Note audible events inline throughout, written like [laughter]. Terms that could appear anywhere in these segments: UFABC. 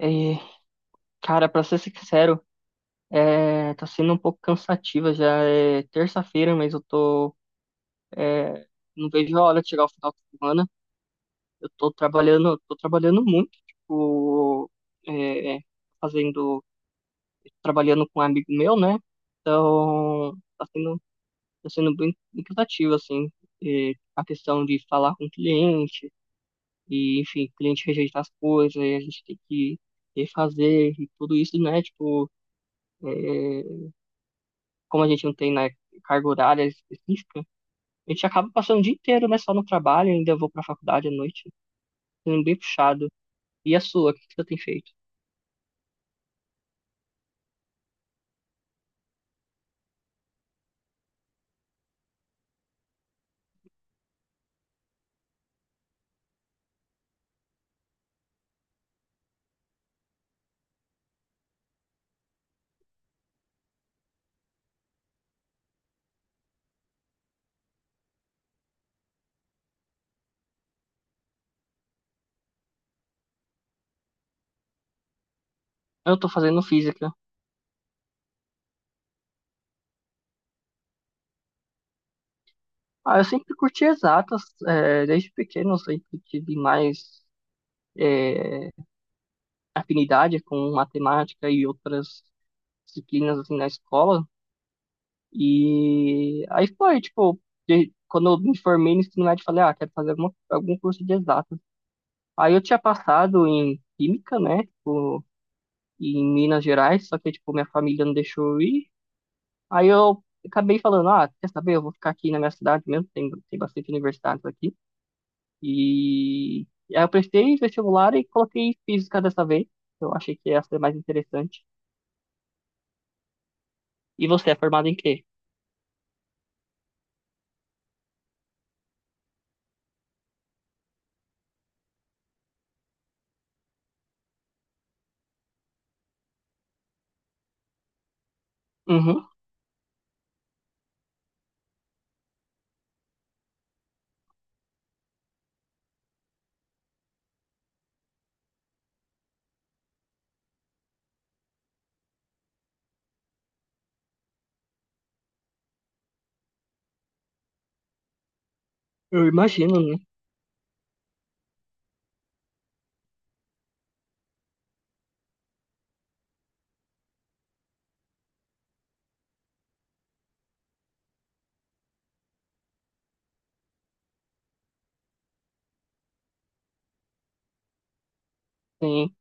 E cara, pra ser sincero, tá sendo um pouco cansativa. Já é terça-feira, mas eu tô. é, não vejo a hora de chegar o final de semana. Eu tô trabalhando muito, tipo, é, fazendo. Trabalhando com um amigo meu, né? Então, tá sendo bem cansativo, assim. É a questão de falar com o cliente, e, enfim, o cliente rejeitar as coisas, e a gente tem que refazer, e tudo isso, né? Tipo. é, Como a gente não tem, né, carga horária específica, a gente acaba passando o dia inteiro, né, só no trabalho, ainda vou pra faculdade à noite, sendo bem puxado. E a sua, o que que você tem feito? Eu tô fazendo física. Ah, eu sempre curti exatas, é, desde pequeno eu sempre tive mais é, afinidade com matemática e outras disciplinas, assim, na escola. E aí foi, tipo, quando eu me formei no ensino médio, eu falei, ah, quero fazer alguma, algum curso de exatas. Aí eu tinha passado em química, né, tipo, em Minas Gerais, só que, tipo, minha família não deixou eu ir. Aí eu acabei falando, ah, quer saber, eu vou ficar aqui na minha cidade mesmo, tem, tem bastante universidades aqui. E aí eu prestei vestibular e coloquei física dessa vez. Eu achei que essa é mais interessante. E você é formado em quê? Uhum, eu imagino, né? Sim,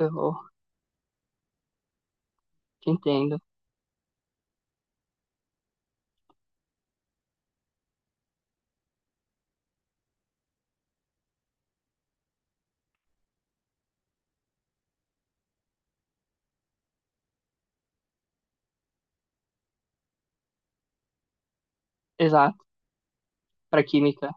eu te entendo. Exato, para química.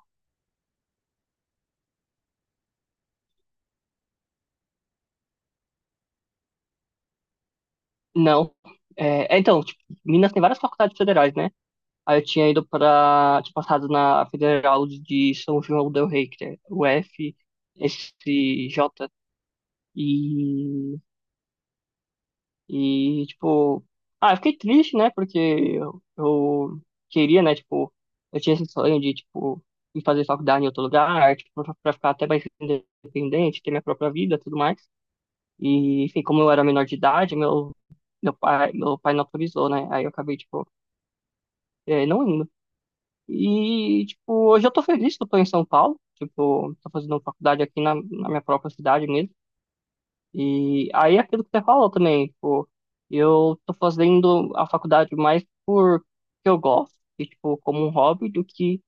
Não. Então, tipo, Minas tem várias faculdades federais, né? Aí eu tinha ido para, tinha passado na Federal de São João del Rei, que é o F, esse J, e, tipo, ah, eu fiquei triste, né, porque eu queria, né, tipo, eu tinha esse sonho de, tipo, ir fazer faculdade em outro lugar, tipo, pra ficar até mais independente, ter minha própria vida, e tudo mais, e, enfim, como eu era menor de idade, meu, meu pai não autorizou, né, aí eu acabei, tipo, não, E, tipo, hoje eu tô feliz que eu tô em São Paulo. Tipo, tô fazendo faculdade aqui na, na minha própria cidade mesmo. E aí, é aquilo que você falou também, tipo, eu tô fazendo a faculdade mais por que eu gosto, e, tipo, como um hobby, do que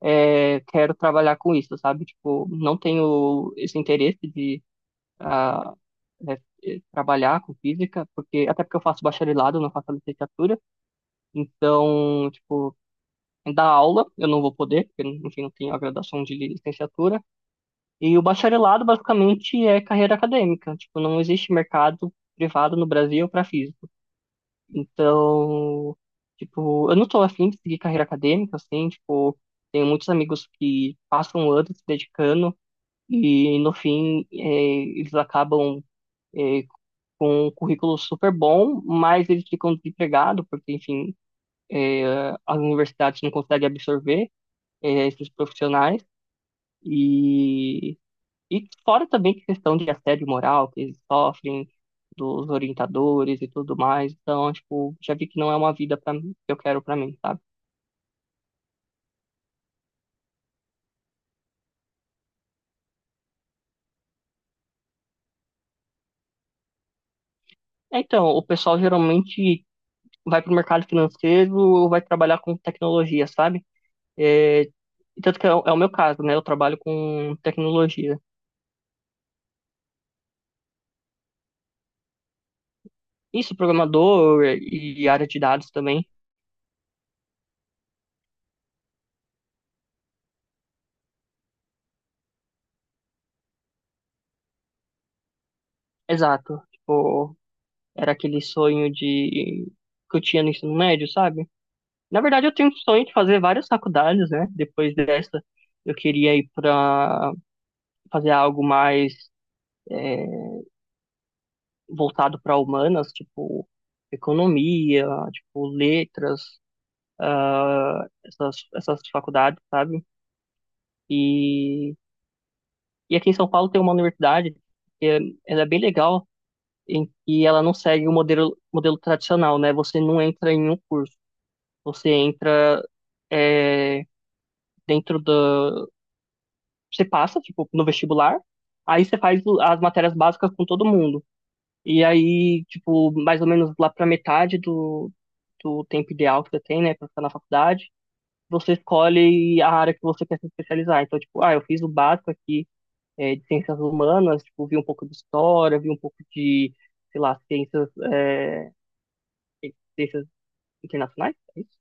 quero trabalhar com isso, sabe? Tipo, não tenho esse interesse de ah, é, trabalhar com física, porque até porque eu faço bacharelado, não faço licenciatura. Então, tipo, da aula, eu não vou poder, porque, enfim, não tenho a graduação de licenciatura. E o bacharelado, basicamente, é carreira acadêmica. Tipo, não existe mercado privado no Brasil para físico. Então, tipo, eu não tô afim de seguir carreira acadêmica, assim, tipo, tenho muitos amigos que passam anos se dedicando e, no fim, eles acabam, eh, com um currículo super bom, mas eles ficam desempregados, porque, enfim, as universidades não conseguem absorver esses profissionais e, e fora também que questão de assédio moral que eles sofrem dos orientadores e tudo mais. Então, tipo, já vi que não é uma vida para mim, que eu quero para mim, sabe? É, então, o pessoal geralmente vai para o mercado financeiro ou vai trabalhar com tecnologia, sabe? É, e tanto que é o meu caso, né? Eu trabalho com tecnologia. Isso, programador e área de dados também. Exato. Tipo, era aquele sonho de que eu tinha no ensino médio, sabe? Na verdade, eu tenho o sonho de fazer várias faculdades, né? Depois dessa, eu queria ir para fazer algo mais é, voltado para humanas, tipo economia, tipo letras, essas faculdades, sabe? E, e aqui em São Paulo tem uma universidade que é, ela é bem legal em que ela não segue modelo tradicional, né? Você não entra em um curso, você entra é, dentro da você passa, tipo, no vestibular, aí você faz as matérias básicas com todo mundo. E aí, tipo, mais ou menos lá pra metade do tempo ideal que você tem, né, pra ficar na faculdade, você escolhe a área que você quer se especializar. Então, tipo, ah, eu fiz o básico aqui, é, de ciências humanas, tipo, vi um pouco de história, vi um pouco de, sei lá, ciências, ciências internacionais, é isso?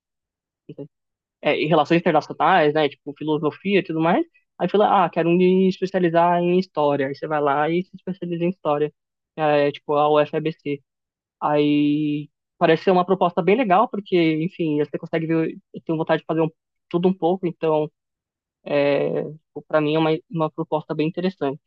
É, em relações internacionais, né? Tipo, filosofia e tudo mais. Aí fala, ah, quero me especializar em história. Aí você vai lá e se especializa em história. É, tipo, a UFABC. Aí parece ser uma proposta bem legal, porque, enfim, você consegue ver, eu tenho vontade de fazer um, tudo um pouco, então, tipo, pra mim é uma proposta bem interessante.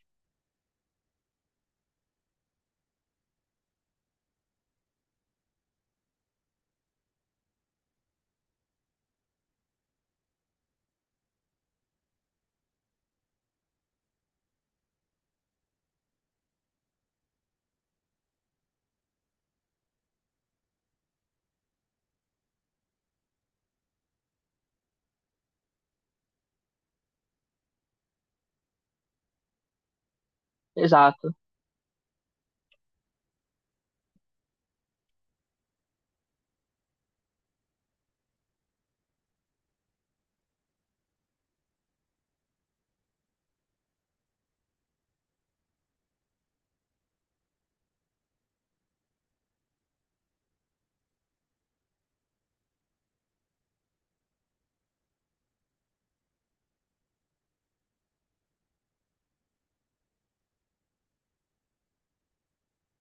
Exato.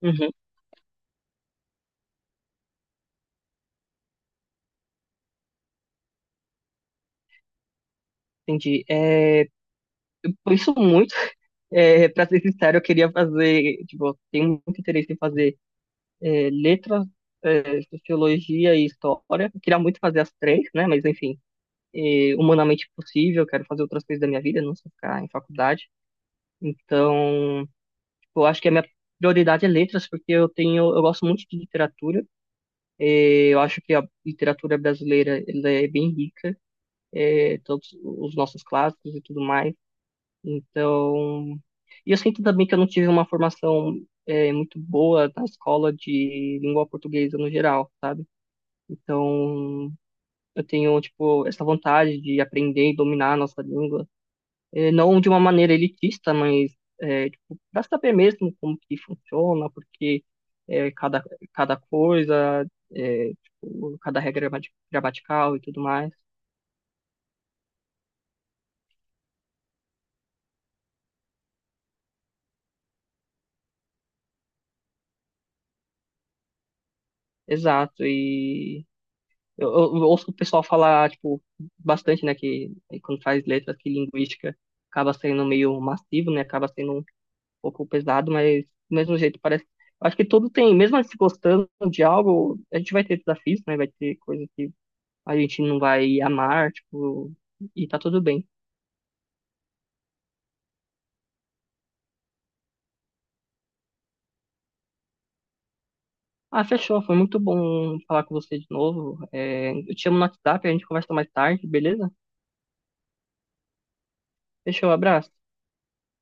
Uhum, entendi. É, por isso muito. [laughs] É, pra ser sincero, eu queria fazer, tipo, eu tenho muito interesse em fazer letras, sociologia e história. Eu queria muito fazer as três, né? Mas enfim, é, humanamente possível, eu quero fazer outras coisas da minha vida, não só ficar em faculdade. Então, tipo, eu acho que a minha prioridade é letras, porque eu tenho, eu gosto muito de literatura. É, eu acho que a literatura brasileira ela é bem rica, é, todos os nossos clássicos e tudo mais. Então, e eu sinto também que eu não tive uma formação muito boa na escola de língua portuguesa no geral, sabe? Então, eu tenho, tipo, essa vontade de aprender e dominar a nossa língua. Eh, não de uma maneira elitista, mas, eh, tipo, para saber mesmo como que funciona, porque cada, cada coisa, eh, tipo, cada gramatical e tudo mais. Exato, e eu ouço o pessoal falar, tipo, bastante, né, que eh, quando faz letras, que linguística acaba sendo meio massivo, né, acaba sendo um pouco pesado, mas do mesmo jeito parece. Eu Acho que tudo tem, mesmo a gente se gostando de algo, a gente vai ter desafios, né? Vai ter coisas que a gente não vai amar, tipo, e tá tudo bem. Ah, fechou, foi muito bom falar com você de novo. É, eu te chamo no WhatsApp, a gente conversa mais tarde, beleza? Fechou, abraço.